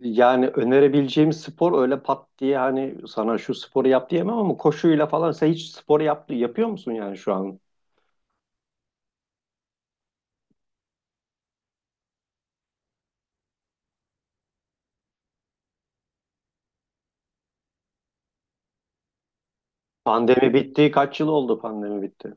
Yani önerebileceğim spor öyle pat diye hani sana şu sporu yap diyemem ama koşuyla falan sen hiç spor yapıyor musun yani şu an? Pandemi bitti. Kaç yıl oldu pandemi bitti?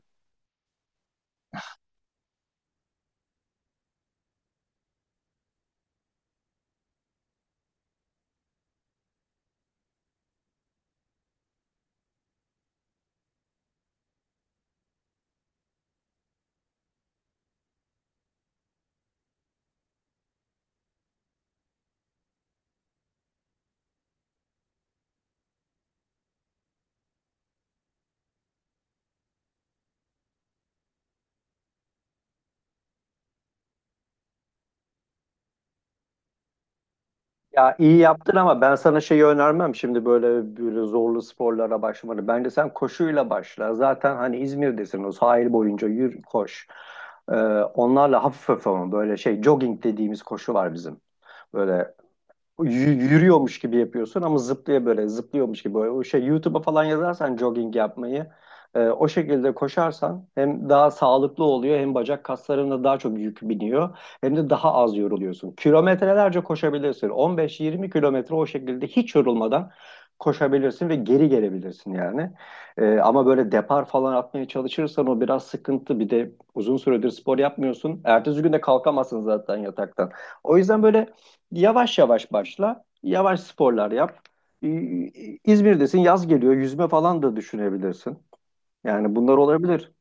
Ya iyi yaptın ama ben sana şeyi önermem şimdi böyle zorlu sporlara başlamanı. Bence sen koşuyla başla. Zaten hani İzmir'desin, o sahil boyunca yürü, koş. Ee, Onlarla hafif hafif, ama böyle şey, jogging dediğimiz koşu var bizim. Böyle yürüyormuş gibi yapıyorsun ama zıplaya, böyle zıplıyormuş gibi. Böyle. O şey YouTube'a falan yazarsan jogging yapmayı, o şekilde koşarsan hem daha sağlıklı oluyor, hem bacak kaslarına daha çok yük biniyor, hem de daha az yoruluyorsun. Kilometrelerce koşabilirsin. 15-20 kilometre o şekilde hiç yorulmadan koşabilirsin ve geri gelebilirsin yani. Ama böyle depar falan atmaya çalışırsan o biraz sıkıntı. Bir de uzun süredir spor yapmıyorsun. Ertesi gün de kalkamazsın zaten yataktan. O yüzden böyle yavaş yavaş başla. Yavaş sporlar yap. Ee, İzmir'desin, yaz geliyor. Yüzme falan da düşünebilirsin. Yani bunlar olabilir.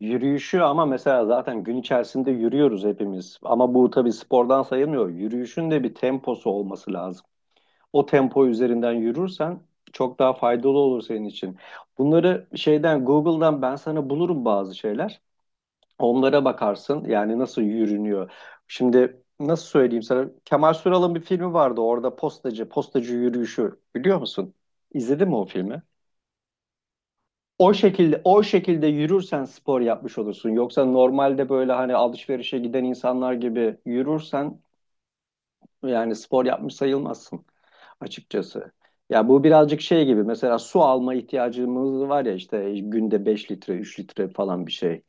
Yürüyüşü ama mesela, zaten gün içerisinde yürüyoruz hepimiz. Ama bu tabii spordan sayılmıyor. Yürüyüşün de bir temposu olması lazım. O tempo üzerinden yürürsen çok daha faydalı olur senin için. Bunları şeyden, Google'dan ben sana bulurum bazı şeyler. Onlara bakarsın yani, nasıl yürünüyor. Şimdi nasıl söyleyeyim sana? Kemal Sunal'ın bir filmi vardı, orada postacı, postacı yürüyüşü biliyor musun? İzledin mi o filmi? O şekilde, o şekilde yürürsen spor yapmış olursun. Yoksa normalde böyle hani alışverişe giden insanlar gibi yürürsen yani spor yapmış sayılmazsın açıkçası. Ya bu birazcık şey gibi, mesela su alma ihtiyacımız var ya, işte günde 5 litre, 3 litre falan bir şey.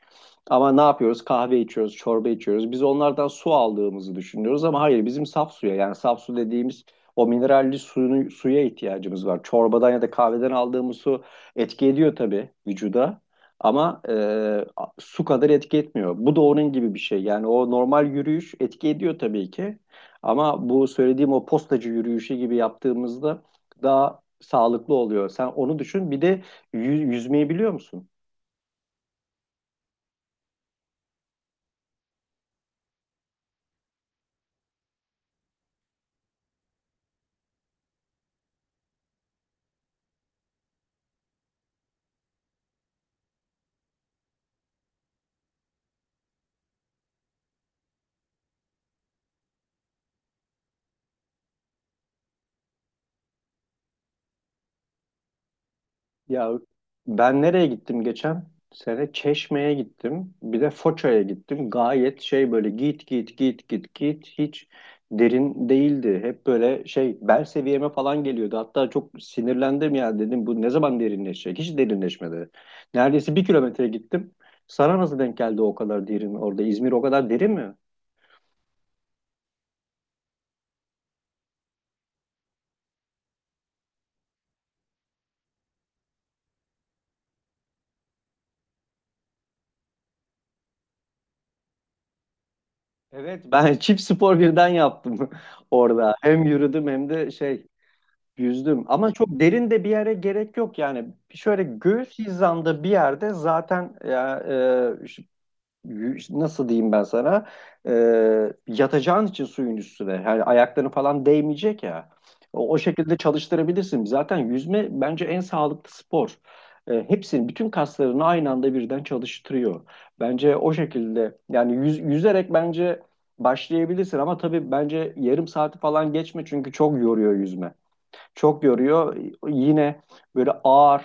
Ama ne yapıyoruz? Kahve içiyoruz, çorba içiyoruz. Biz onlardan su aldığımızı düşünüyoruz ama hayır, bizim saf suya, yani saf su dediğimiz o mineralli suyunu, suya ihtiyacımız var. Çorbadan ya da kahveden aldığımız su etki ediyor tabii vücuda, ama su kadar etki etmiyor. Bu da onun gibi bir şey. Yani o normal yürüyüş etki ediyor tabii ki, ama bu söylediğim o postacı yürüyüşü gibi yaptığımızda daha sağlıklı oluyor. Sen onu düşün. Bir de yüzmeyi biliyor musun? Ya, ben nereye gittim geçen sene? Çeşme'ye gittim. Bir de Foça'ya gittim. Gayet şey, böyle git git git git git, hiç derin değildi. Hep böyle şey, bel seviyeme falan geliyordu. Hatta çok sinirlendim ya, dedim bu ne zaman derinleşecek? Hiç derinleşmedi. Neredeyse 1 kilometre gittim. Sana nasıl denk geldi o kadar derin orada? İzmir o kadar derin mi? Evet, ben çift spor birden yaptım orada. Hem yürüdüm hem de yüzdüm, ama çok derin de bir yere gerek yok yani, şöyle göğüs hizamda bir yerde zaten ya. e, ş- Nasıl diyeyim ben sana, e, yatacağın için suyun üstüne, yani ayakların falan değmeyecek ya, o şekilde çalıştırabilirsin zaten. Yüzme bence en sağlıklı spor. Hepsini, bütün kaslarını aynı anda birden çalıştırıyor. Bence o şekilde yani, yüzerek bence başlayabilirsin, ama tabii bence yarım saati falan geçme, çünkü çok yoruyor yüzme, çok yoruyor. Yine böyle ağır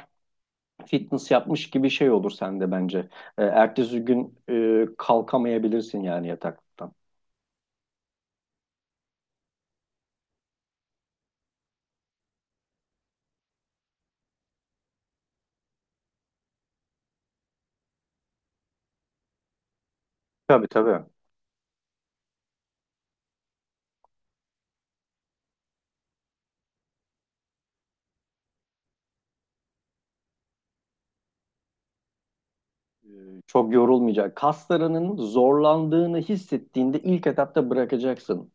fitness yapmış gibi şey olur sende bence. Ertesi gün kalkamayabilirsin yani yataktan. Tabii tabii. Çok yorulmayacak. Kaslarının zorlandığını hissettiğinde ilk etapta bırakacaksın.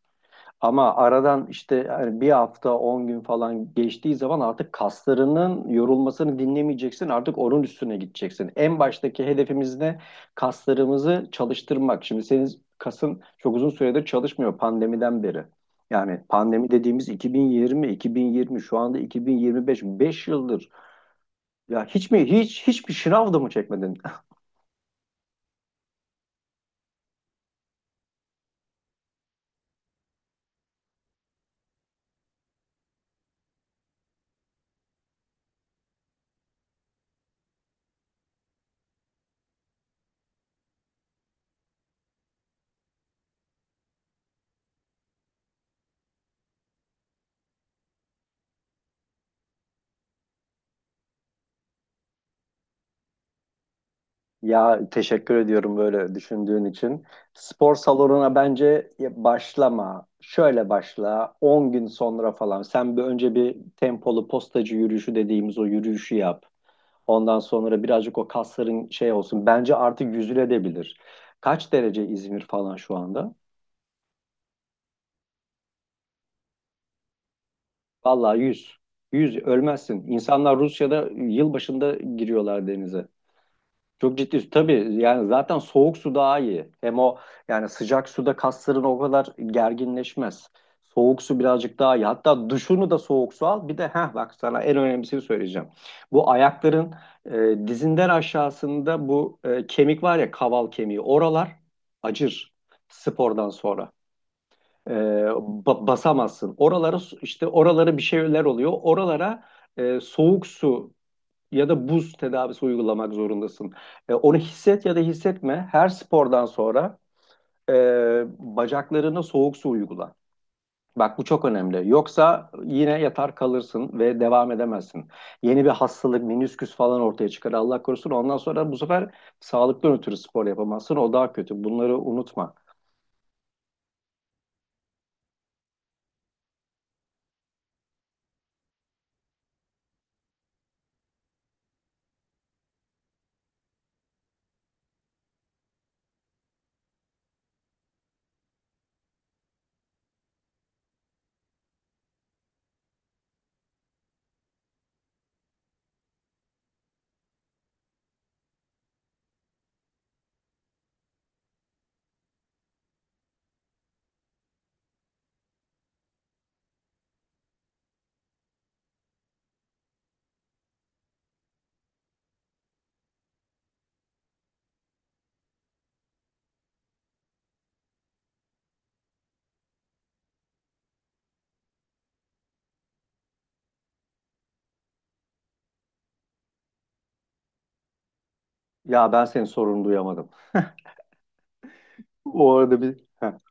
Ama aradan işte, yani bir hafta 10 gün falan geçtiği zaman artık kaslarının yorulmasını dinlemeyeceksin. Artık onun üstüne gideceksin. En baştaki hedefimiz ne? Kaslarımızı çalıştırmak. Şimdi senin kasın çok uzun süredir çalışmıyor, pandemiden beri. Yani pandemi dediğimiz 2020, 2020, şu anda 2025, beş yıldır. Ya hiç mi hiç hiçbir şınav da mı çekmedin? Ya, teşekkür ediyorum böyle düşündüğün için. Spor salonuna bence başlama. Şöyle başla: 10 gün sonra falan. Sen önce bir tempolu postacı yürüyüşü dediğimiz o yürüyüşü yap. Ondan sonra birazcık o kasların şey olsun. Bence artık yüzülebilir. Kaç derece İzmir falan şu anda? Vallahi yüz ölmezsin. İnsanlar Rusya'da yılbaşında giriyorlar denize. Çok ciddi. Tabii yani zaten soğuk su daha iyi. Hem o yani, sıcak suda kasların o kadar gerginleşmez. Soğuk su birazcık daha iyi. Hatta duşunu da soğuk su al. Bir de heh, bak sana en önemlisini söyleyeceğim. Bu ayakların dizinden aşağısında, bu kemik var ya, kaval kemiği. Oralar acır spordan sonra. E, Basamazsın. Oralara işte, oralara bir şeyler oluyor. Oralara soğuk su ya da buz tedavisi uygulamak zorundasın. Onu hisset ya da hissetme, her spordan sonra e, bacaklarına soğuk su uygula. Bak bu çok önemli. Yoksa yine yatar kalırsın ve devam edemezsin. Yeni bir hastalık, menisküs falan ortaya çıkar. Allah korusun. Ondan sonra bu sefer sağlıktan ötürü spor yapamazsın. O daha kötü. Bunları unutma. Ya, ben senin sorunu duyamadım. O arada bir. Heh.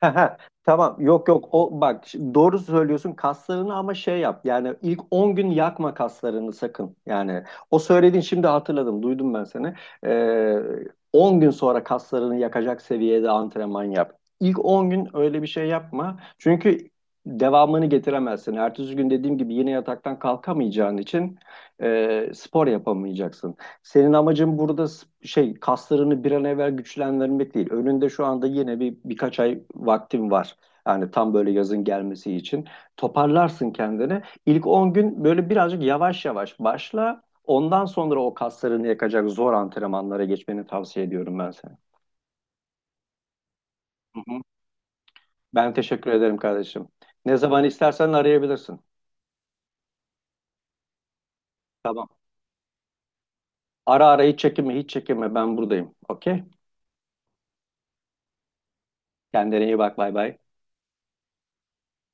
Ha, ha, tamam, yok yok, o bak, şimdi doğru söylüyorsun kaslarını, ama şey yap yani, ilk 10 gün yakma kaslarını sakın yani, o söylediğin, şimdi hatırladım, duydum ben seni. Ee, 10 gün sonra kaslarını yakacak seviyede antrenman yap. İlk 10 gün öyle bir şey yapma, çünkü devamını getiremezsin, ertesi gün dediğim gibi yine yataktan kalkamayacağın için spor yapamayacaksın. Senin amacın burada kaslarını bir an evvel güçlendirmek değil. Önünde şu anda yine birkaç ay vaktin var. Yani tam böyle yazın gelmesi için. Toparlarsın kendini. İlk 10 gün böyle birazcık yavaş yavaş başla. Ondan sonra o kaslarını yakacak zor antrenmanlara geçmeni tavsiye ediyorum ben sana. Hı hı. Ben teşekkür ederim kardeşim. Ne zaman istersen arayabilirsin. Tamam. Ara ara, hiç çekinme, hiç çekinme, ben buradayım. Okey? Kendine iyi bak, bay bay.